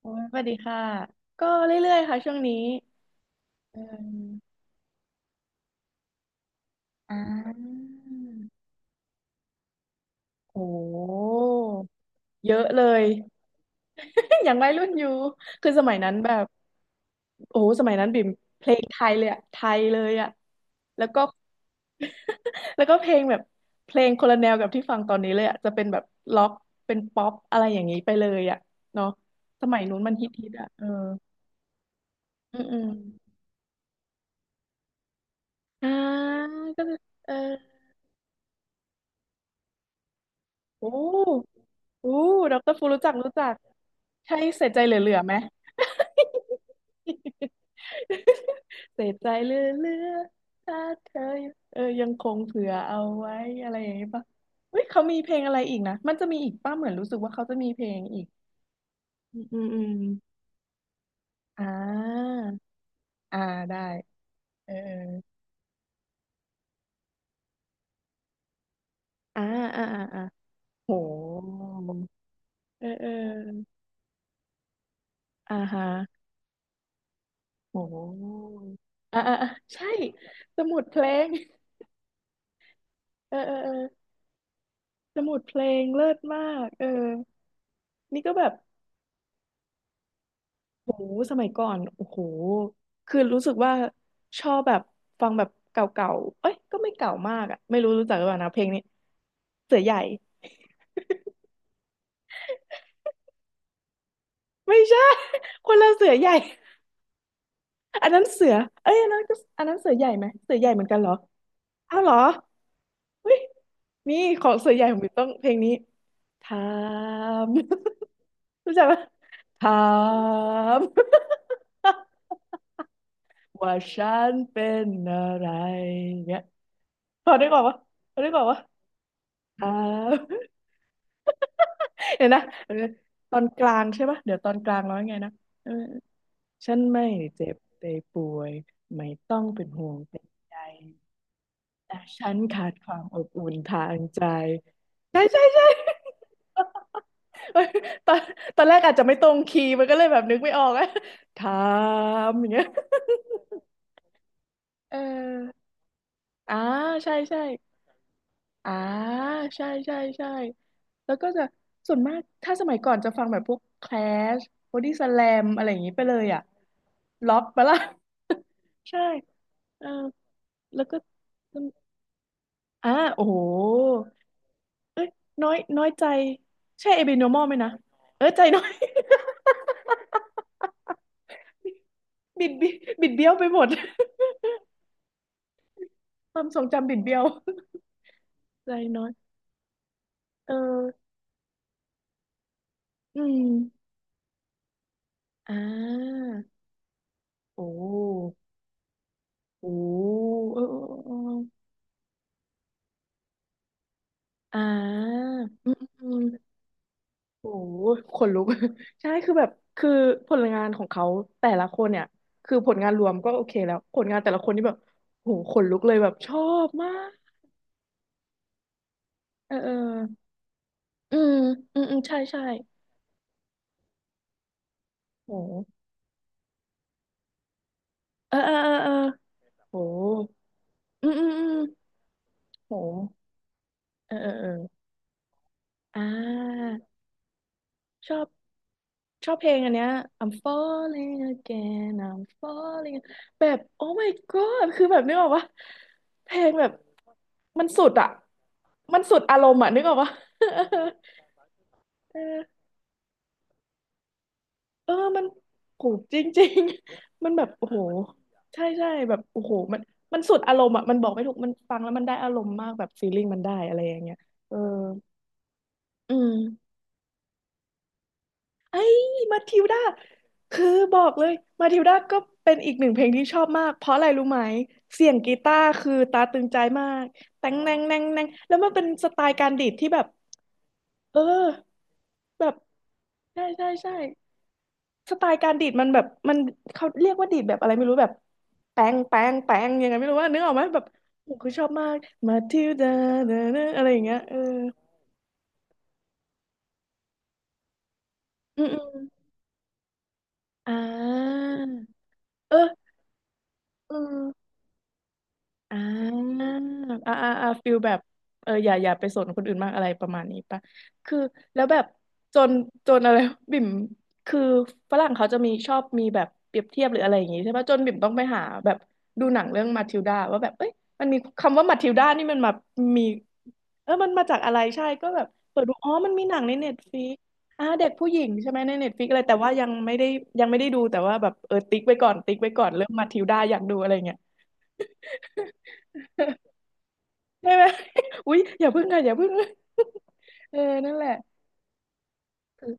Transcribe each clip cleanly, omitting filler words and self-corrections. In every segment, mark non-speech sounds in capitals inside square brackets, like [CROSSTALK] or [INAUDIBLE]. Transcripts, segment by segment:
โอ้ยสวัสดีค่ะก็เรื่อยๆค่ะช่วงนี้เอมอ่าโอ้เยอะเลย [LAUGHS] อย่างวัยรุ่นอยู่คือสมัยนั้นแบบโอ้โหสมัยนั้นบิ่มเพลงไทยเลยอะไทยเลยอะแล้วก็ [LAUGHS] แล้วก็เพลงแบบเพลงคนละแนวกับที่ฟังตอนนี้เลยอะจะเป็นแบบล็อกเป็นป๊อปอะไรอย่างนี้ไปเลยอะเนาะสมัยนู้นมันฮิตๆอะเอออืมอืมอ่าก็คือเออโอ้ อู้ดอกอรฟูรู้จักรู้จัก ใช่เสียใจเหลือๆไหม [LAUGHS] เสียใจเหลือๆถ้าเธอเออยังคงเผื่อเอาไว้อะไรอย่างนี้ปะเฮ้ยเขามีเพลงอะไรอีกนะมันจะมีอีกป้าเหมือนรู้สึกว่าเขาจะมีเพลงอีกอืมอืมอืมอ่าอ่าได้ เออเอออ่าอ่าอ่าอ่าโหเออเอออ่าฮะโห อ่าอ่าอ่าใช่สมุดเพลงเออเออเออ สมุดเพลงเลิศมากเออนี่ก็แบบโหสมัยก่อนโอ้โหคือรู้สึกว่าชอบแบบฟังแบบเก่าๆเอ้ยก็ไม่เก่ามากอ่ะไม่รู้รู้จักหรือเปล่านะเพลงนี้เสือใหญ่ไม่ใช่ [LAUGHS] คนละเสือใหญ่อันนั้นเสือเอ้ยอันนั้นก็อันนั้นเสือใหญ่ไหมเสือใหญ่เหมือนกันเหรออ้าวเหรอเฮ้ยนี่ของเสือใหญ่ผมต้องเพลงนี้ถาม [LAUGHS] รู้จักปะถาม [LAUGHS] ว่าฉันเป็นอะไรเนี่ยพอได้ก่อนวะพอได้ก่อนวะอ่า [LAUGHS] เดี๋ยวนะเออตอนกลางใช่ปะเดี๋ยวตอนกลางร้องไงนะเออฉันไม่เจ็บไม่ป่วยไม่ต้องเป็นห่วงเป็นใยแต่ฉันขาดความอบอุ่นทางใจใช่ใช่ใช่ [LAUGHS] เอ้ยตอนตอนแรกอาจจะไม่ตรงคีย์มันก็เลยแบบนึกไม่ออกอะ [LAUGHS] ถามอย่างเงี้ย [LAUGHS] เอออ่าใช่ใช่ อ่าใช่ใช่ใช่แล้วก็จะส่วนมากถ้าสมัยก่อนจะฟังแบบพวก Clash Body Slam อะไรอย่างนี้ไปเลยอ่ะล็อกไปละ [LAUGHS] ใช่เออแล้วก็อ่าโอ้โหเอ้ยน้อยน้อยใจใช่ abnormal ไหมนะเออใจน้อย [LAUGHS] บิดบิดเบี้ยวไปหมด [LAUGHS] ความทรงจำบิดเบี้ยว [LAUGHS] ใจน้อยเอออืมอ่าโอ้ โอ้เออเออเอออ่าอืมอืมโอ้โหขนลุก [LAUGHS] ใช่คือแบบคือผลงานของเขาแต่ละคนเนี่ยคือผลงานรวมก็โอเคแล้วผลงานแต่ละคนนี่แบบโหขนลุกเลยแบบชอบมากเออเอออืมอืมอืมใช่ใช่โหเออเออเออเออโหอืมอืมอืมโหเออเออเอออ่าชอบ ชอบเพลงอันเนี้ย I'm falling again I'm falling again แบบ oh my god คือแบบนึกออกว่าเพลงแบบมันสุดอ่ะมันสุดอารมณ์อ่ะนึกออกว่า [LAUGHS] เออเออมันโหจริงๆ [LAUGHS] มันแบบโอ้โหใช่ใช่แบบโอ้โหมันมันสุดอารมณ์อ่ะมันบอกไม่ถูกมันฟังแล้วมันได้อารมณ์มากแบบฟีลลิ่งมันได้อะไรอย่างเงี้ยเอออืม มาทิวดาคือบอกเลยมาทิวดาก็เป็นอีกหนึ่งเพลงที่ชอบมากเพราะอะไรรู้ไหมเสียงกีตาร์คือตาตึงใจมากแตงแนงแนงแนงแล้วมันเป็นสไตล์การดีดที่แบบเออแบบใช่ใช่ใช่สไตล์การดีดมันแบบมันเขาเรียกว่าดีดแบบอะไรไม่รู้แบบแปงแปงแปงยังไงไม่รู้ว่านึกออกไหมแบบโอ้โหคือชอบมากมาทิวดาเนอะอะไรอย่างเงี้ยเอออืมอืมอ่าเอออืม อ่าอ่าอ่าอ่าฟิลแบบเอออย่าไปสนคนอื่นมากอะไรประมาณนี้ปะคือแล้วแบบจนจนอะไร [LAUGHS] บิ่ม คือฝรั่งเขาจะมีชอบมีแบบเปรียบเทียบหรืออะไรอย่างงี้ใช่ปะจนบิ่มต้องไปหาแบบดูหนังเรื่องมาทิลดาว่าแบบเอ้ยมันมีคำว่ามาทิลดานี่มันมามีเออมันมาจากอะไรใช่ ก็แบบเปิดดูอ๋อมันมีหนังในเน็ตฟลิกอ่าเด็กผู้หญิงใช่ไหมในเน็ตฟลิกอะไรแต่ว่ายังไม่ได้ยังไม่ได้ดูแต่ว่าแบบเออติ๊กไว้ก่อนติ๊กไว้ก่อนเรื่องมาทิลดาอยากดูอะไรเงี้ย ใช่ไหม [LAUGHS] อุ๊ยอย่าพึ่งค่ะอย่าพึ่ง [LAUGHS] เออนั่นแหละคือ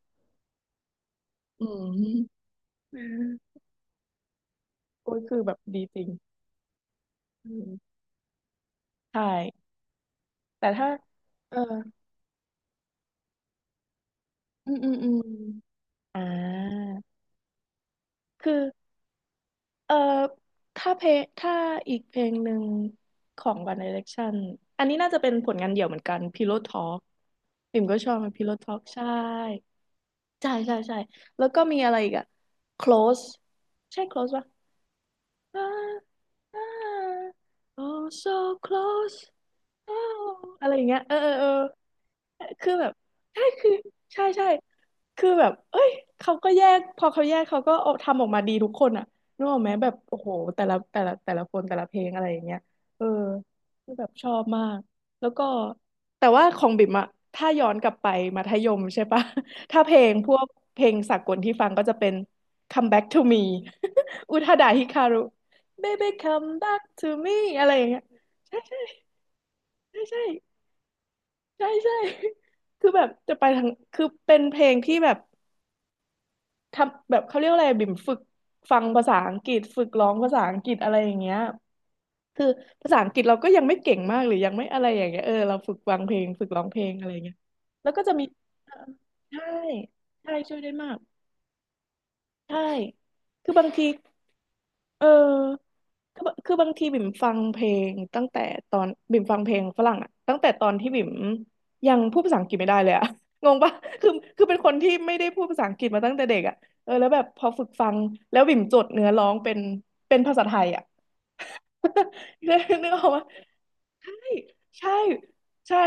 อืม [LAUGHS] เออโอ้ยคือแบบดีจริงอืมใช่แต่ถ้าเอออืมอืมอืมอ่าคือเออถ้าเพลงถ้าอีกเพลงหนึ่งของ One Direction อันนี้น่าจะเป็นผลงานเดี่ยวเหมือนกัน Pillow Talk ปิ่มก็ชอบ Pillow Talk ใช่ใช่ใช่ใช่แล้วก็มีอะไรอีกอะ Close ใช่ Close ปะ ah, ah, ah. oh so close oh อะไรอย่างเงี้ยเออเออเออคือแบบ ใช่ใช่คือแบบเอ้ยเขาก็แยกพอเขาแยก เขาก็เอาทำออกมาดีทุกคนอ่ะนึกออกไหมแบบโอ้โหแต่ละคนแต่ละเพลงอะไรอย่างเงี้ยเออคือแบบชอบมากแล้วก็แต่ว่าของบิ่มอะถ้าย้อนกลับไปมัธยมใช่ปะ [LAUGHS] ถ้าเพลง พวกเพลงสากลที่ฟังก็จะเป็น Come Back to Me [LAUGHS] อุทาดาฮิคารุ baby come back to me อะไรอย่างเงี้ยใช่ใช่ใช่ใช่ใช่ใช่ [LAUGHS] คือแบบจะไปทางคือเป็นเพลงที่แบบทำแบบเขาเรียกว่าอะไรบิ่มฝึกฟังภาษาอังกฤษฝึกร้องภาษาอังกฤษอะไรอย่างเงี้ยคือภาษาอังกฤษเราก็ยังไม่เก่งมากหรือยังไม่อะไรอย่างเงี้ยเออเราฝึกฟังเพลงฝึกร้องเพลงอะไรอย่างเงี้ยแล้วก็จะมีเออใช่ใช่ช่วยได้มาก ใช่คือบางทีเออคือบางทีบิ่มฟังเพลงตั้งแต่ตอนบิ่มฟังเพลงฝรั่งอะตั้งแต่ตอนที่บิ่มยังพูดภาษาอังกฤษไม่ได้เลยอะ [LAUGHS] งงปะคือคือเป็นคนที่ไม่ได้พูดภาษาอังกฤษมาตั้งแต่เด็กอะเออแล้วแบบพอฝึกฟังแล้วบิ่มจดเนื้อร้องเป็นภาษาไทยอะ [LAUGHS] นึกนึกออกว่าใช่ใช่ใช่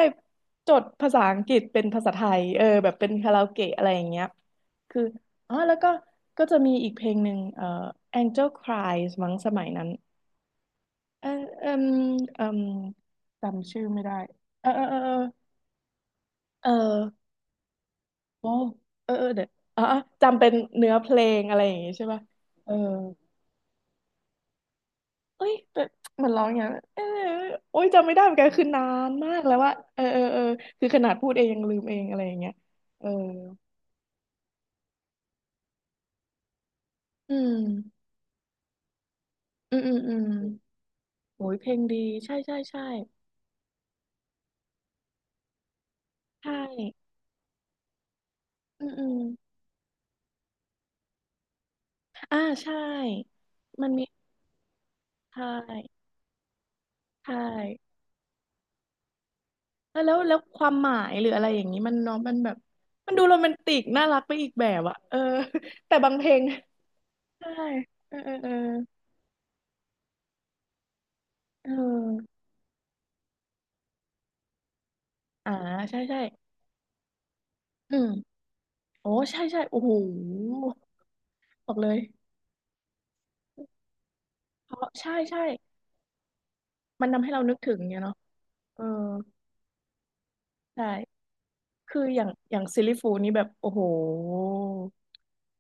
จดภาษาอังกฤษเป็นภาษาไทยเออแบบเป็นคาราโอเกะอะไรอย่างเงี้ยคืออ๋อแล้วก็ก็จะมีอีกเพลงหนึ่งAngel Cries มั้งสมัยนั้นเออเอมเอมจำชื่อไม่ได้เออเออเออเออเออโอ้เออเออเดี๋ยวอ๋อจำเป็นเนื้อเพลงอะไรอย่างงี้ใช่ป่ะเออ เอ้ยแบบเหมือนร้องอย่างเงี้ยเออโอ้ยจำไม่ได้เหมือนกันคือนานมากแล้วว่าเออเออเออคือขนาดพูดเองยังลืมเองอะไรอย่างเงี้ยเอออืมอืมโอ้ยเพลงดีใช่ใช่ใช่ใช่อืมอ่าใช่มันมีใช่ใช่แล้วความหมายหรืออะไรอย่างนี้มันเน้องมันแบบมันดูโรแมนติกน่ารักไปอีกแบบอะเออแต่บางเพลงใช่เออเออเออเอออ่าใช่ใช่อืม โอ้ใช่ใช่โอ้โหบอกเลยเพราะใช่ใช่มันทำให้เรานึกถึงเนี่ยเนาะเออใช่คืออย่างอย่างซิลลี่ฟูลนี่แบบโอ้โห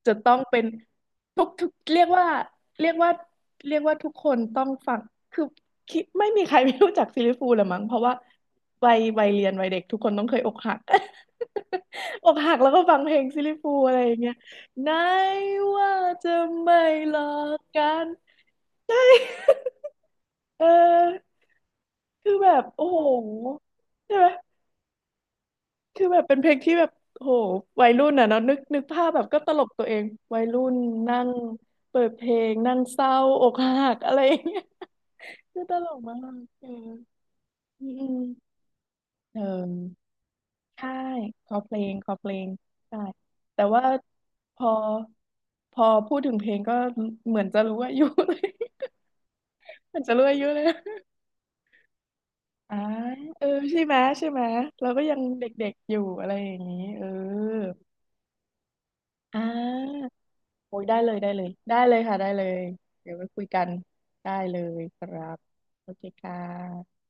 จะต้องเป็นทุกเรียกว่าเรียกว่าเรียกว่าทุกคนต้องฟังคือคิดไม่มีใครไม่รู้จักซิลลี่ฟูลละมั้งเพราะว่าวัยเรียนวัยเด็กทุกคนต้องเคยอกหัก [LAUGHS] อกหักแล้วก็ฟังเพลงซิลลี่ฟูลอะไรอย่างเงี้ยไหนว่าจะไม่หลอกกันใช่ เออคือแบบโอ้โหใช่ไหมคือแบบเป็นเพลงที่แบบโอ้โหวัยรุ่นอ่ะเนาะนึกนึกภาพแบบก็ตลกตัวเอง วัยรุ่นนั่งเปิดเพลงนั่งเศร้าอกหักอะไรอย่างเงี้ย [LAUGHS] คือตลกมากเอออืมเออใช่คอเพลงคอเพลง ใช่ แต่ว่าพอพอพูดถึงเพลงก็เหมือนจะรู้อายุ [LAUGHS] เลย [LAUGHS] เหมือนจะรู้อายุเลย อ่าเออใช่ไหมใช่ไหมเราก็ยังเด็กๆอยู่อะไรอย่างนี้เอออ่าโอ้ยได้เลยได้เลยได้เลยค่ะได้เลยเดี๋ยวไปคุยกันได้เลยครับโอเคค่ะ